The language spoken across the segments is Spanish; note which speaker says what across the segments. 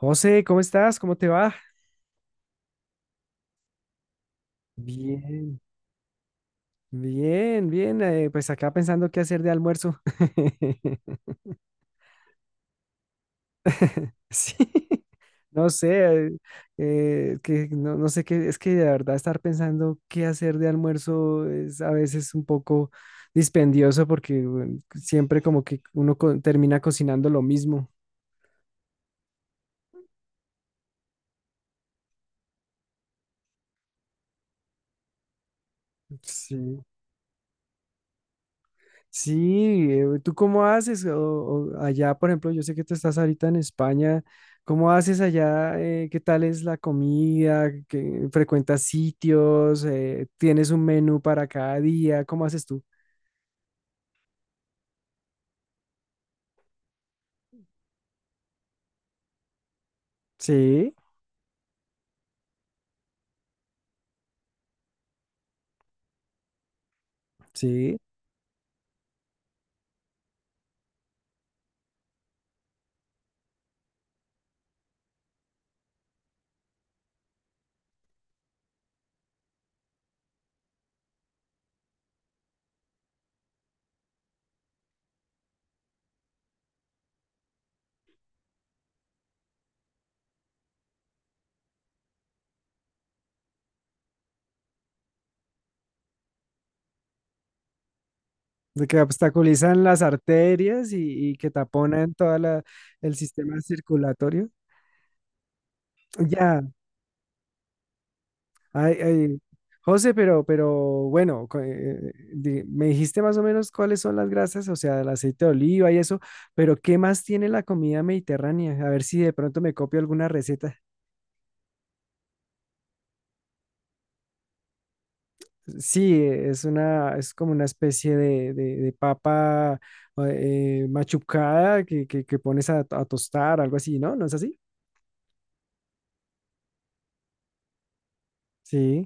Speaker 1: José, ¿cómo estás? ¿Cómo te va? Bien. Bien, bien. Pues acá pensando qué hacer de almuerzo. Sí, no sé, que no, no sé qué, es que de verdad estar pensando qué hacer de almuerzo es a veces un poco dispendioso porque bueno, siempre como que uno termina cocinando lo mismo. Sí. Sí, ¿tú cómo haces? O allá, por ejemplo, yo sé que tú estás ahorita en España, ¿cómo haces allá? ¿Qué tal es la comida? ¿Qué- frecuentas sitios? ¿Tienes un menú para cada día? ¿Cómo haces tú? Sí, sí, de que obstaculizan las arterias y que taponan todo el sistema circulatorio. Ya. Ay, ay, José, pero bueno, me dijiste más o menos cuáles son las grasas, o sea, el aceite de oliva y eso, pero ¿qué más tiene la comida mediterránea? A ver si de pronto me copio alguna receta. Sí, es una, es como una especie de, de papa machucada que, que pones a tostar, algo así, ¿no? ¿No es así? Sí,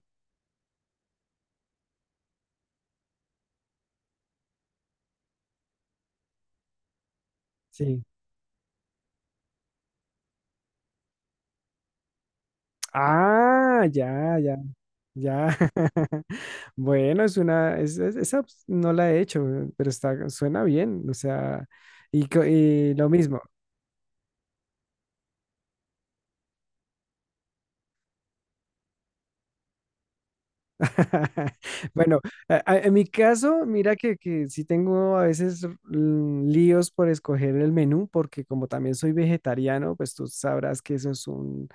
Speaker 1: sí. Ah, ya, ya. Ya. Bueno, es una, es- esa pues, no la he hecho, pero está, suena bien, o sea, y lo mismo. Bueno, en mi caso, mira que sí tengo a veces líos por escoger el menú, porque como también soy vegetariano, pues tú sabrás que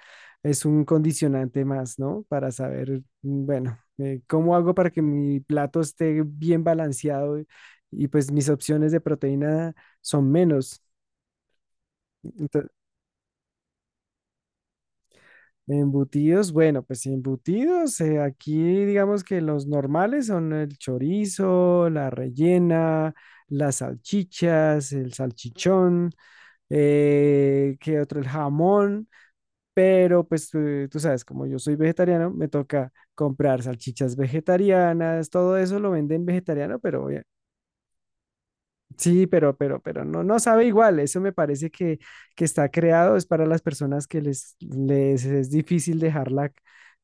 Speaker 1: es un condicionante más, ¿no? Para saber, bueno, cómo hago para que mi plato esté bien balanceado y, pues mis opciones de proteína son menos. Embutidos, bueno, pues sí, embutidos, aquí digamos que los normales son el chorizo, la rellena, las salchichas, el salchichón, ¿qué otro? El jamón, pero pues tú sabes, como yo soy vegetariano, me toca comprar salchichas vegetarianas, todo eso lo venden vegetariano, pero obvia- Sí, pero no, no sabe igual. Eso me parece que está creado, es para las personas que les es difícil dejar la,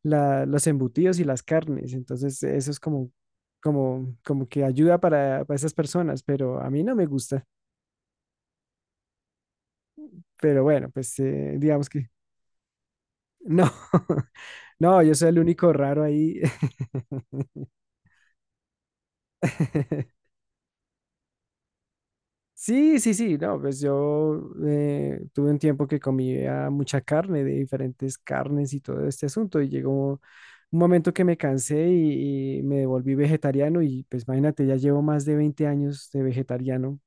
Speaker 1: los embutidos y las carnes. Entonces, eso es como que ayuda para esas personas, pero a mí no me gusta. Pero bueno, pues digamos que no, no, yo soy el único raro ahí. Sí, sí, sí, no, pues yo tuve un tiempo que comía mucha carne, de diferentes carnes y todo este asunto, y llegó un momento que me cansé y me volví vegetariano, y pues imagínate, ya llevo más de 20 años de vegetariano,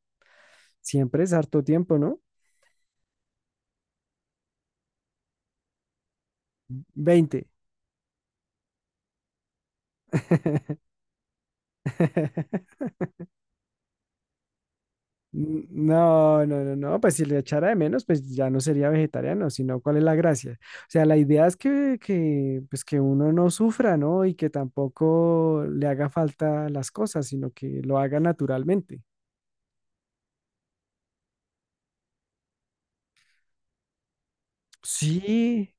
Speaker 1: siempre es harto tiempo, ¿no? 20. No, no, no, no, pues si le echara de menos, pues ya no sería vegetariano, sino cuál es la gracia. O sea, la idea es que, pues que uno no sufra, ¿no? Y que tampoco le haga falta las cosas, sino que lo haga naturalmente. Sí,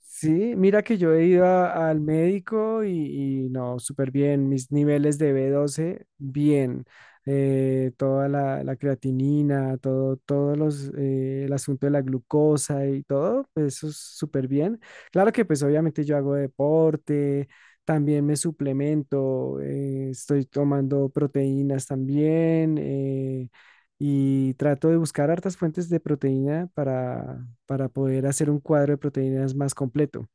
Speaker 1: Sí, mira que yo he ido al médico y no, súper bien. Mis niveles de B12, bien. Toda la creatinina, todo, el asunto de la glucosa y todo, pues eso es súper bien. Claro que pues obviamente yo hago deporte, también me suplemento, estoy tomando proteínas también y trato de buscar hartas fuentes de proteína para poder hacer un cuadro de proteínas más completo.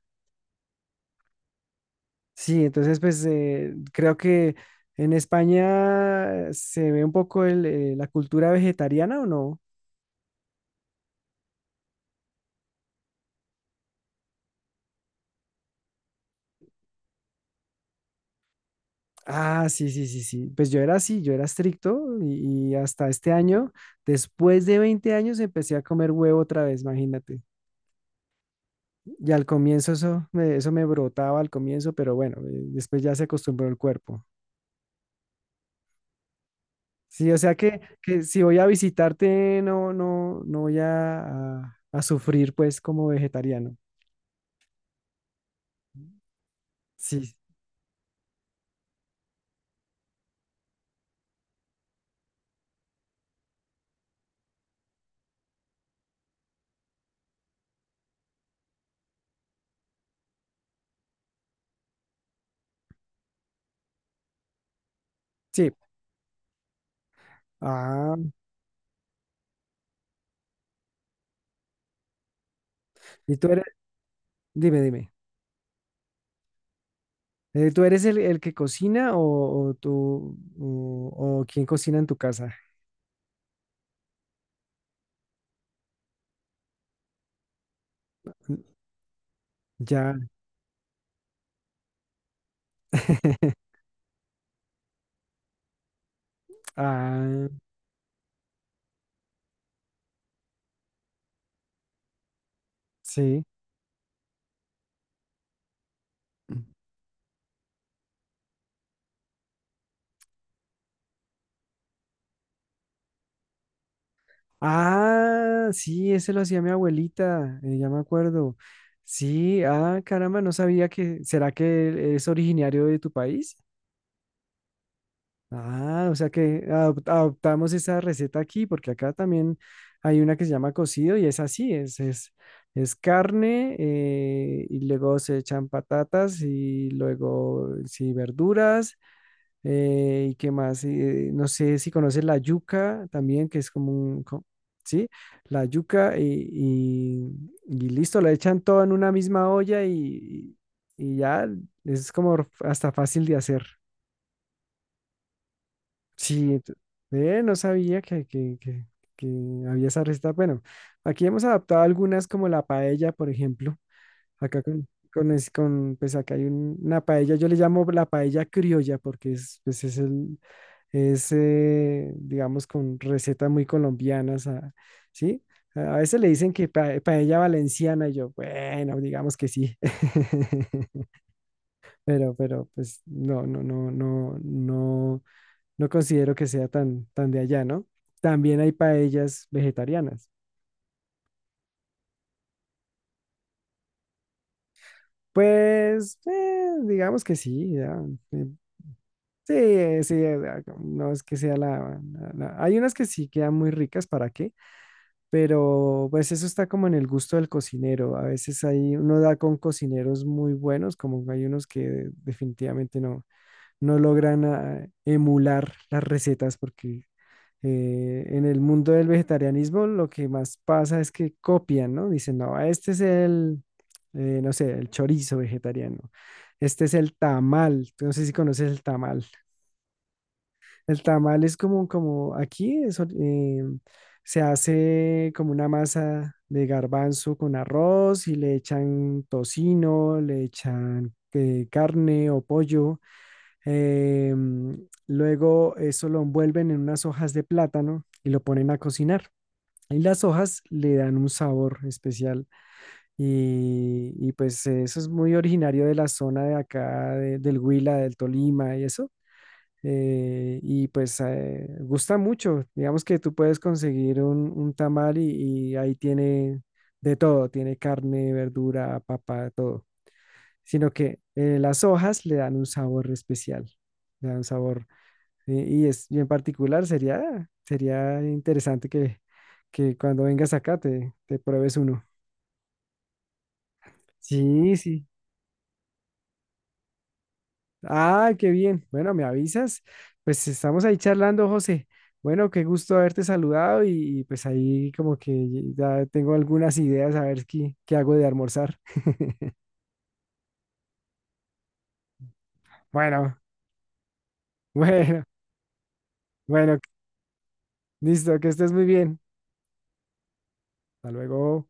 Speaker 1: Sí, entonces pues creo que en España se ve un poco la cultura vegetariana o no. Ah, sí, sí, sí, sí. Pues yo era así, yo era estricto y hasta este año, después de 20 años, empecé a comer huevo otra vez, imagínate. Y al comienzo eso me brotaba al comienzo, pero bueno, después ya se acostumbró el cuerpo. Sí, o sea que si voy a visitarte, no, no, no voy a sufrir pues como vegetariano. Sí, sí. Ah, y tú eres, dime, dime. ¿Tú eres el que cocina o tú o quién cocina en tu casa? Ya. Ah, sí. Ah, sí, ese lo hacía mi abuelita, ya me acuerdo. Sí, ah, caramba, no sabía que, ¿será que es originario de tu país? Ah, o sea que adoptamos esa receta aquí, porque acá también hay una que se llama cocido y es así, es carne y luego se echan patatas y luego sí verduras y qué más, no sé si conoces la yuca también, que es como sí, la yuca y listo, la echan todo en una misma olla y ya es como hasta fácil de hacer. Sí, no sabía que había esa receta. Bueno, aquí hemos adaptado algunas como la paella, por ejemplo. Acá con pues acá hay una paella, yo le llamo la paella criolla porque pues digamos, con recetas muy colombianas, ah, ¿sí? A veces le dicen que paella valenciana y yo, bueno, digamos que sí. Pues no, no, no, no, no no considero que sea tan, tan de allá, ¿no? También hay paellas vegetarianas. Pues, digamos que sí, ya, eh, sí, sí, ah, no es que sea la, hay unas que sí quedan muy ricas, ¿para qué? Pero pues eso está como en el gusto del cocinero. A veces hay, uno da con cocineros muy buenos, como hay unos que definitivamente no, no logran emular las recetas porque en el mundo del vegetarianismo lo que más pasa es que copian, ¿no? Dicen, no, este es no sé, el chorizo vegetariano, este es el tamal, no sé si conoces el tamal. El tamal es como aquí es, se hace como una masa de garbanzo con arroz y le echan tocino, le echan carne o pollo. Luego eso lo envuelven en unas hojas de plátano y lo ponen a cocinar. Y las hojas le dan un sabor especial. Y pues eso es muy originario de la zona de acá, del Huila, del Tolima y eso. Y pues gusta mucho. Digamos que tú puedes conseguir un tamal y ahí tiene de todo. Tiene carne, verdura, papa, todo. Sino que las hojas le dan un sabor especial. Le dan un sabor y, y en particular sería interesante que cuando vengas acá te pruebes uno. Sí, sí. Ah, qué bien. Bueno, me avisas. Pues estamos ahí charlando, José. Bueno, qué gusto haberte saludado y pues ahí como que ya tengo algunas ideas a ver qué hago de almorzar. Bueno, bueno, bueno. Listo, que estés muy bien. Hasta luego.